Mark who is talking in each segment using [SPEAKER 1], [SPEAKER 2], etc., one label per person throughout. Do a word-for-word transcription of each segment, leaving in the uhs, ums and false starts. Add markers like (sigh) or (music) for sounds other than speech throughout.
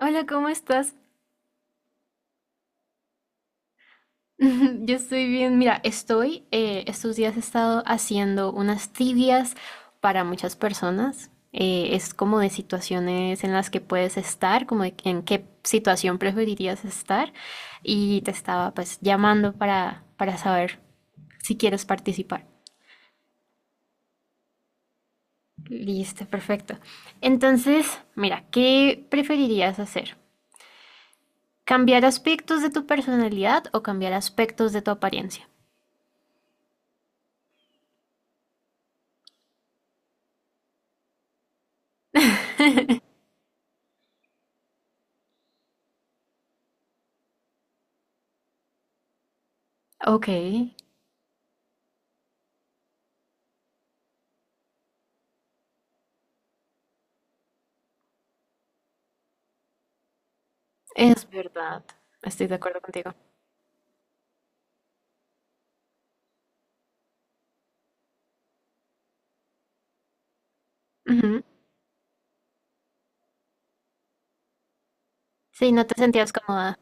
[SPEAKER 1] Hola, ¿cómo estás? (laughs) Yo estoy bien. Mira, estoy, eh, estos días he estado haciendo unas tibias para muchas personas. Eh, es como de situaciones en las que puedes estar, como de en qué situación preferirías estar. Y te estaba pues llamando para, para saber si quieres participar. Listo, perfecto. Entonces, mira, ¿qué preferirías hacer? ¿Cambiar aspectos de tu personalidad o cambiar aspectos de tu apariencia? Ok. Es verdad, estoy de acuerdo contigo. Ujú. Sí, no te sentías cómoda.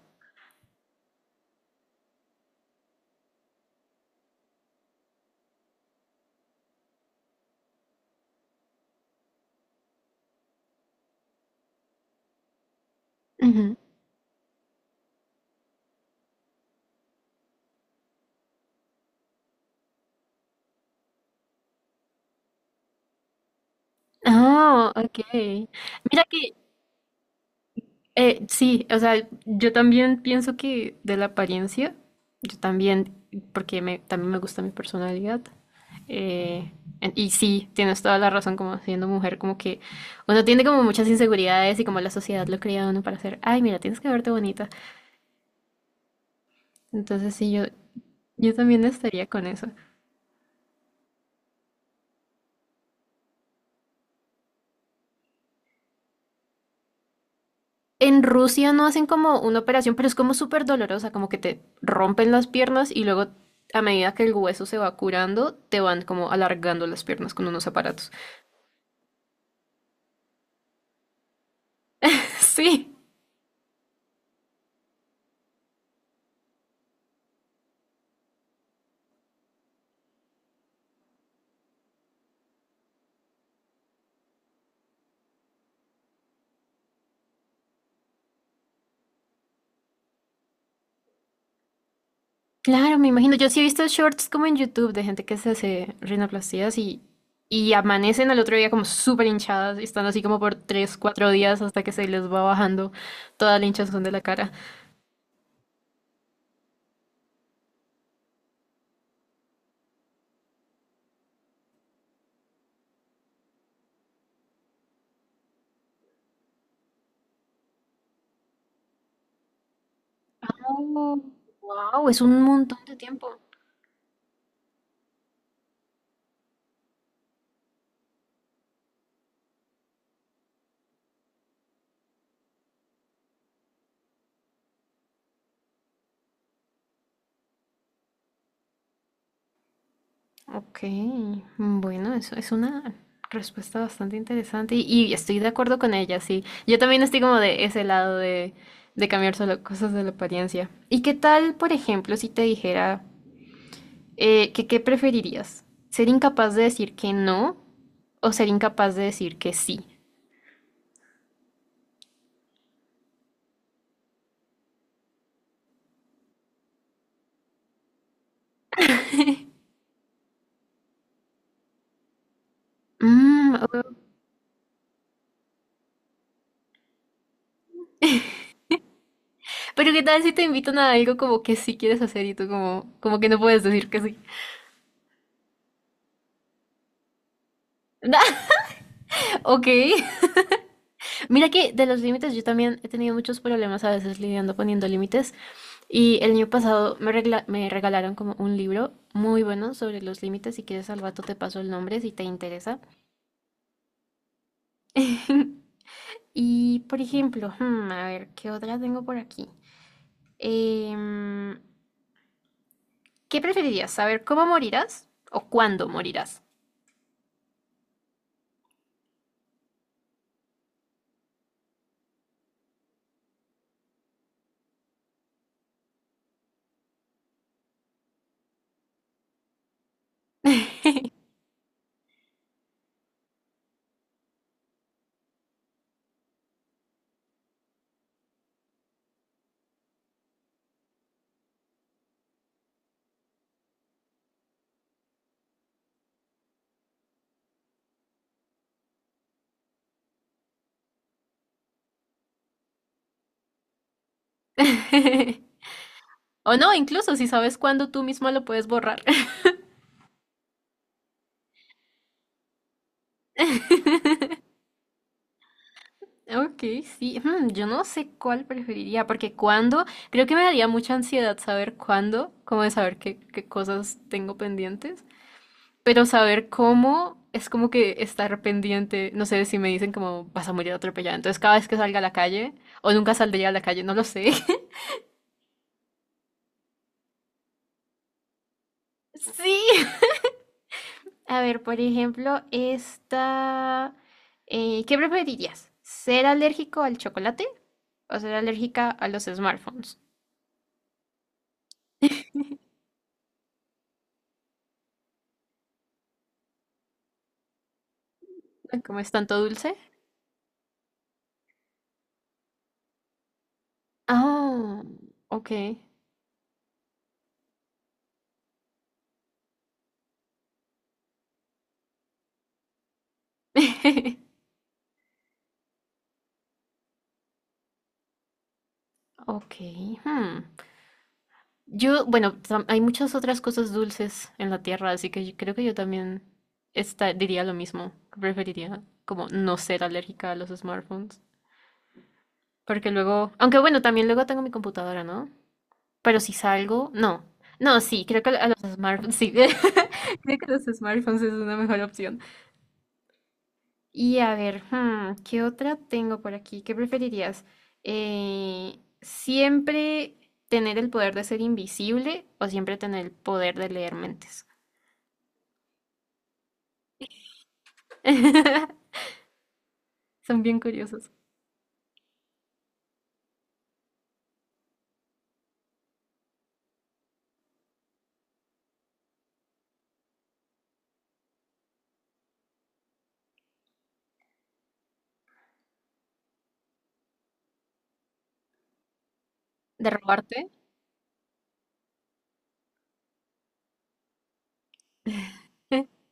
[SPEAKER 1] Ujú. Ah, ok. Mira que, eh, sí, o sea, yo también pienso que de la apariencia, yo también, porque me, también me gusta mi personalidad. eh, en- y sí, tienes toda la razón, como siendo mujer, como que uno tiene como muchas inseguridades y como la sociedad lo cría a uno para hacer, ay, mira, tienes que verte bonita. Entonces sí, yo, yo también estaría con eso. En Rusia no hacen como una operación, pero es como súper dolorosa, como que te rompen las piernas y luego a medida que el hueso se va curando, te van como alargando las piernas con unos aparatos. (laughs) Sí, claro, me imagino. Yo sí he visto shorts como en YouTube de gente que se hace rinoplastías y, y amanecen al otro día como súper hinchadas y están así como por tres cuatro días hasta que se les va bajando toda la hinchazón de la cara. Wow, es un montón de tiempo. Ok, mm, bueno, eso es una respuesta bastante interesante y, y estoy de acuerdo con ella, sí. Yo también estoy como de ese lado de, de cambiar solo cosas de la apariencia. ¿Y qué tal, por ejemplo, si te dijera eh, que qué preferirías? ¿Ser incapaz de decir que no o ser incapaz de decir que sí? Mm, o- pero qué tal si te invitan a algo como que sí quieres hacer y tú como, como que no puedes decir que sí. (laughs) Ok. Mira que de los límites yo también he tenido muchos problemas a veces lidiando poniendo límites y el año pasado me, regla- me regalaron como un libro muy bueno sobre los límites. Si quieres al rato te paso el nombre si te interesa. (laughs) Y por ejemplo, hmm, a ver, ¿qué otra tengo por aquí? Em, ¿qué preferirías? ¿Saber cómo morirás o cuándo morirás? (laughs) O no, incluso si sabes cuándo tú mismo lo puedes borrar. (laughs) Ok, sí, mm, yo no sé cuál preferiría, porque cuándo, creo que me daría mucha ansiedad saber cuándo, como de saber qué, qué cosas tengo pendientes, pero saber cómo es como que estar pendiente, no sé si me dicen como vas a morir atropellada, entonces cada vez que salga a la calle, o nunca saldría a la calle, no lo sé. (laughs) Sí. A ver, por ejemplo, esta, eh, ¿qué preferirías? ¿Ser alérgico al chocolate o ser alérgica a los smartphones? (laughs) Como es tanto dulce? Ah, ok. (laughs) Ok. Hmm. Yo, bueno, tam- hay muchas otras cosas dulces en la tierra, así que yo creo que yo también esta- diría lo mismo. Preferiría como no ser alérgica a los smartphones. Porque luego, aunque bueno, también luego tengo mi computadora, ¿no? Pero si salgo, no. No, sí, creo que a los smartphones, sí. (laughs) Creo que los smartphones es una mejor opción. Y a ver, hmm, ¿qué otra tengo por aquí? ¿Qué preferirías? Eh, ¿siempre tener el poder de ser invisible o siempre tener el poder de leer mentes? (laughs) Son bien curiosos. ¿De robarte? (laughs)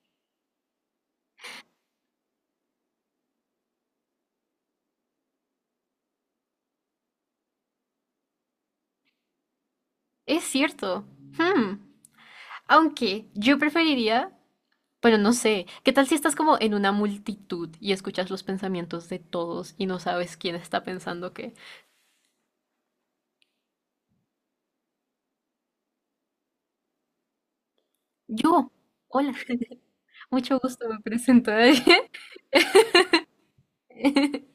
[SPEAKER 1] Es cierto. Hmm. Aunque yo preferiría, pero no sé, ¿qué tal si estás como en una multitud y escuchas los pensamientos de todos y no sabes quién está pensando qué? Yo. Hola. (laughs) Mucho gusto, me presento. (laughs)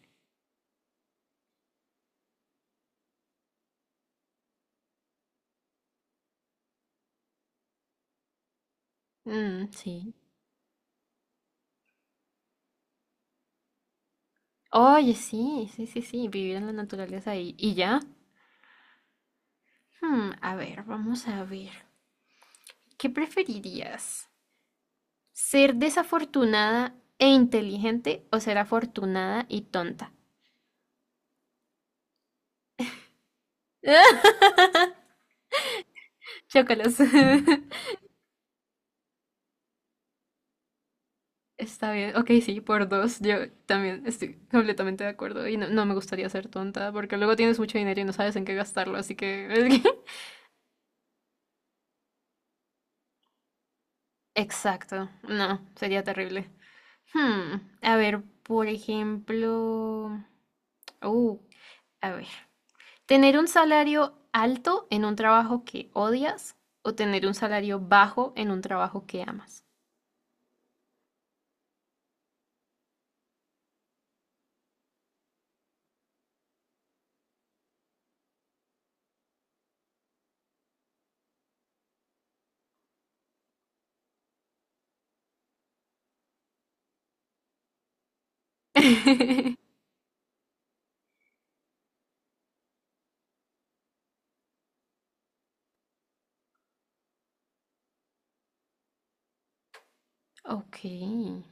[SPEAKER 1] Mm, sí. Oye, sí, sí, sí, sí, vivir en la naturaleza y, y ya. Hmm, a ver, vamos a ver. ¿Qué preferirías? ¿Ser desafortunada e inteligente o ser afortunada y tonta? (laughs) Chócalas. (laughs) Está bien, ok, sí, por dos. Yo también estoy completamente de acuerdo y no, no me gustaría ser tonta porque luego tienes mucho dinero y no sabes en qué gastarlo, así que... (laughs) Exacto, no, sería terrible. Hmm, a ver, por ejemplo, uh, a ver, tener un salario alto en un trabajo que odias o tener un salario bajo en un trabajo que amas. (laughs) Ok,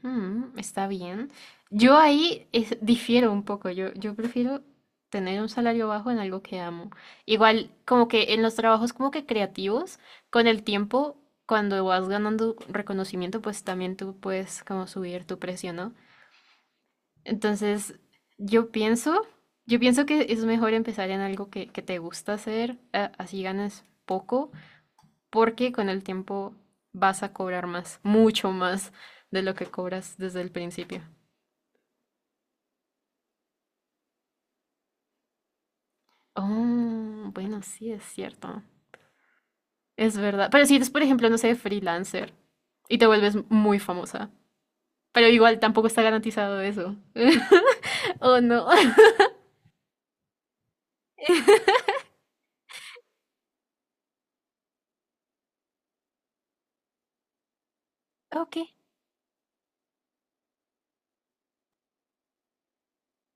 [SPEAKER 1] hmm, está bien. Yo ahí es- difiero un poco. Yo, yo prefiero tener un salario bajo en algo que amo. Igual, como que en los trabajos como que creativos, con el tiempo, cuando vas ganando reconocimiento, pues también tú puedes como subir tu precio, ¿no? Entonces, yo pienso, yo pienso que es mejor empezar en algo que, que te gusta hacer, a- así ganas poco, porque con el tiempo vas a cobrar más, mucho más de lo que cobras desde el principio. Oh, bueno, sí, es cierto. Es verdad. Pero si eres, por ejemplo, no sé, freelancer y te vuelves muy famosa, pero igual tampoco está garantizado eso. (laughs) ¿O no? (laughs) Ok.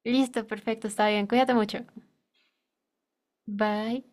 [SPEAKER 1] Listo, perfecto, está bien. Cuídate mucho. Bye.